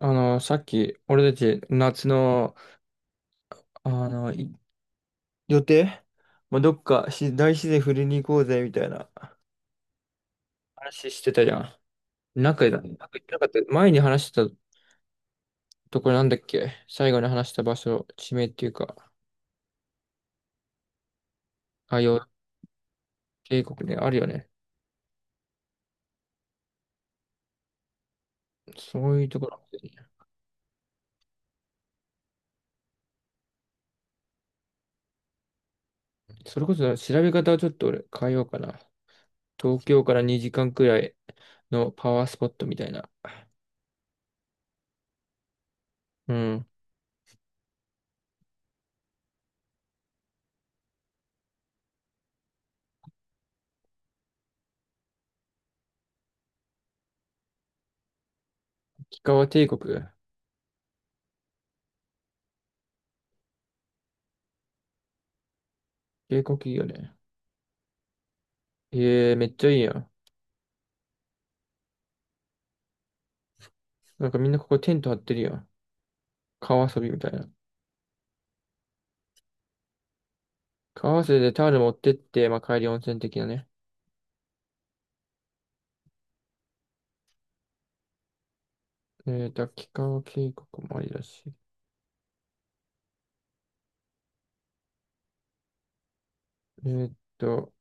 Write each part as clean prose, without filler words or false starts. さっき、俺たち、夏の、あの、い予定、まあ、どっかし、大自然振りに行こうぜ、みたいな話してたじゃん。中だ。なんか言ってなかった。前に話したところなんだっけ。最後に話した場所、地名っていうか、あ、洋帝国ね、あるよね。そういうところ。それこそ、調べ方をちょっと俺変えようかな。東京から2時間くらいのパワースポットみたいな。うん。氷川帝国。帝国いいよね。ええめっちゃいいやん。なんかみんなここテント張ってるよ。川遊びみたいな。川遊びでタオル持ってって、まあ、帰り温泉的なね。秋川渓谷もありだし。えーと、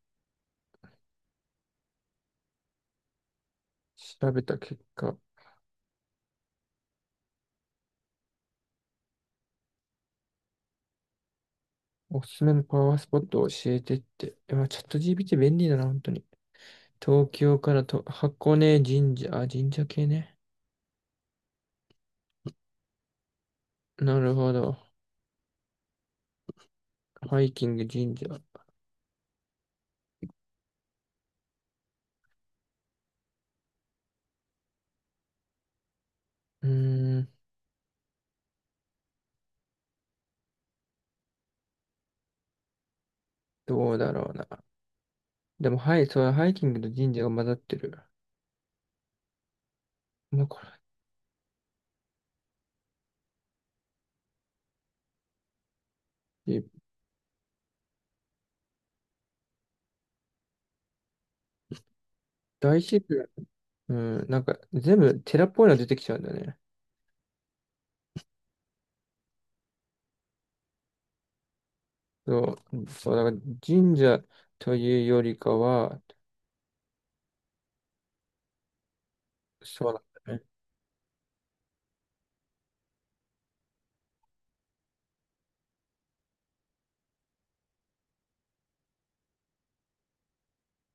調べた結果、おすすめのパワースポットを教えてって。まあ、チャット GPT 便利だな、本当に。東京からと箱根神社、あ、神社系ね。なるほど。ハイキング神社。うーん、どうだろうな。でも、はい、そう、ハイキングと神社が混ざってる。まあ、これ、大自然。うん、なんか全部寺っぽいの出てきちゃうんだよね。そう、そう、だから神社というよりかは。そうなんだね。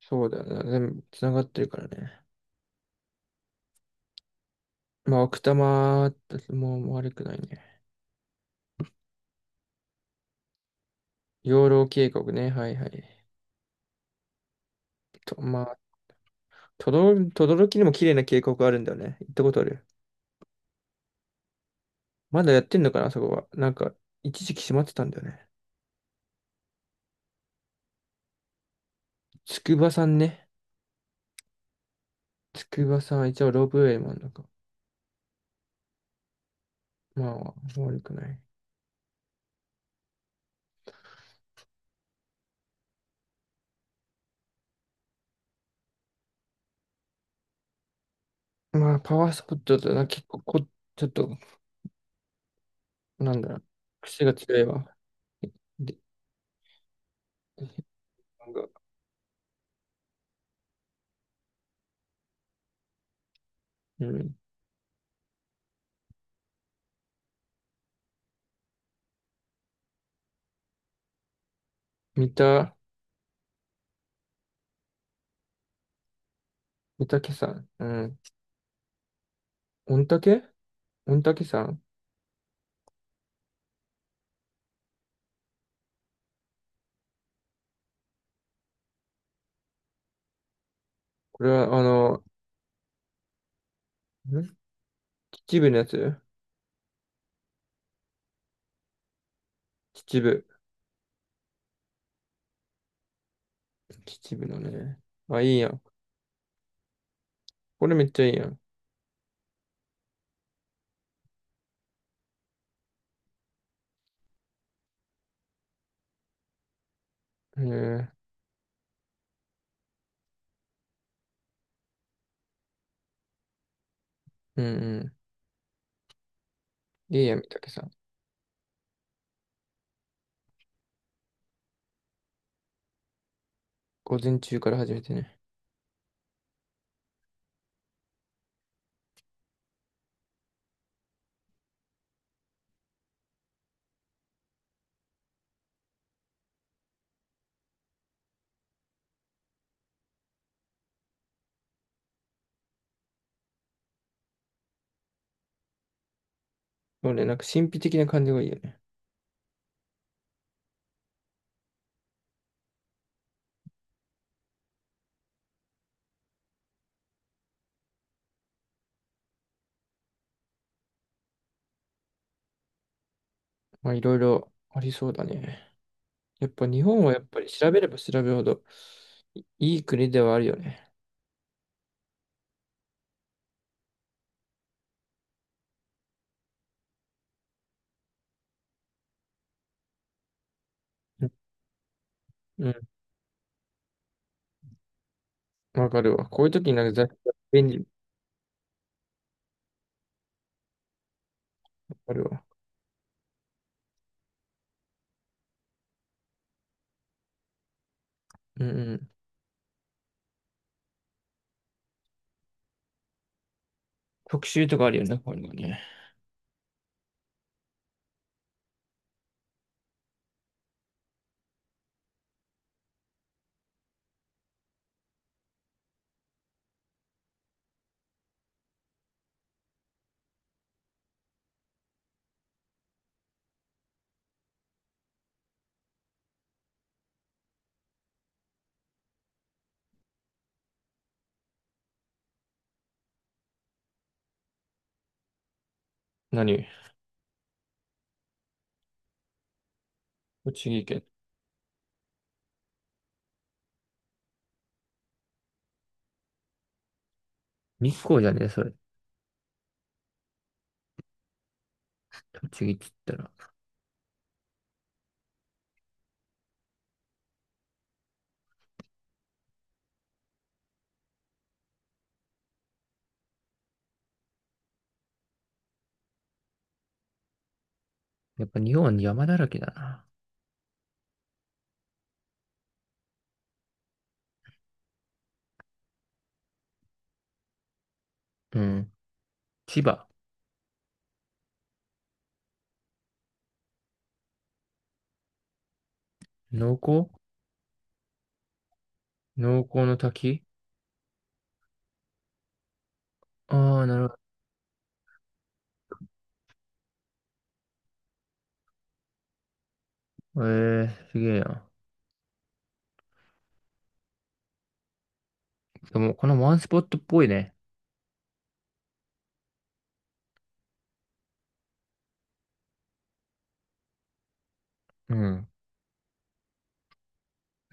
そうだよな、全部つながってるからね。まあ、奥多摩も悪くないね。養老渓谷ね、はいはい。と、まあ、とどろきにも綺麗な渓谷あるんだよね。行ったことある。まだやってんのかな、あそこは。なんか、一時期閉まってたんだよね。筑波山ね。筑波山、一応ロープウェイもあるのか。まあ、悪くない。まあ、パワースポットだとな、結構ちょっと、なんだろう、癖が強いわ。で、なんか、うん、三田、三岳山、うん、御嶽御嶽山。これは、ん秩父のやつ。秩父。秩父のね。あ、いいやん。これめっちゃいいやん。うん、うん、うん。いいやん、三岳山。午前中から始めてね。そうね、なんか神秘的な感じがいいよね。まあ、いろいろありそうだね。やっぱ日本はやっぱり調べれば調べるほどいいい国ではあるよね。うん、わかるわ。こういう時になんか雑誌が便利。わかるわ。うんうん。特集とかあるよね、こういうのね。何。栃木県。日光じゃねえ、それ。栃木って言ったら、やっぱ日本山だらけだな。うん。千葉。農耕農耕の滝。ああー、なるほど。ええ、すげえな。でも、このワンスポットっぽいね。うん。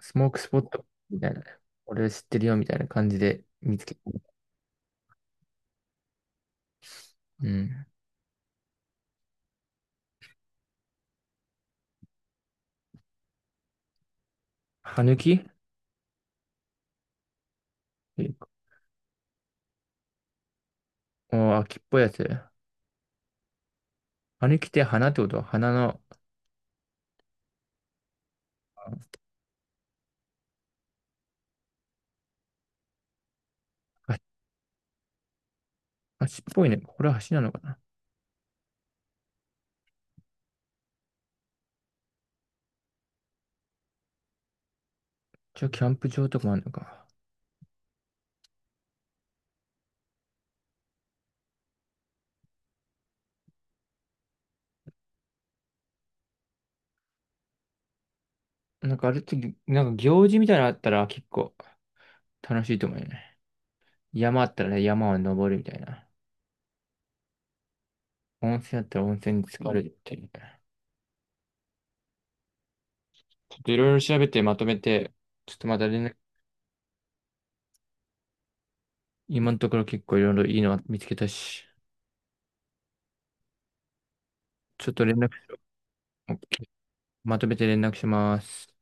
スモークスポットみたいな。俺知ってるよみたいな感じで見つけた。うん。歯抜き。あー、秋っぽいやつ。あれ着て花ってことは花の、あ、足っぽいね。これは橋なのかな。じゃあキャンプ場とかもあるのか。なんかあれって、なんか行事みたいなのあったら結構楽しいと思うよね。山あったらね、山を登るみたいな。温泉あったら温泉に浸かるみたいな。ちょっといろいろ調べてまとめて、ちょっとまた連絡、今のところ結構いろいろいいの見つけたし、ちょっと連絡しよう。オッケー。まとめて連絡します。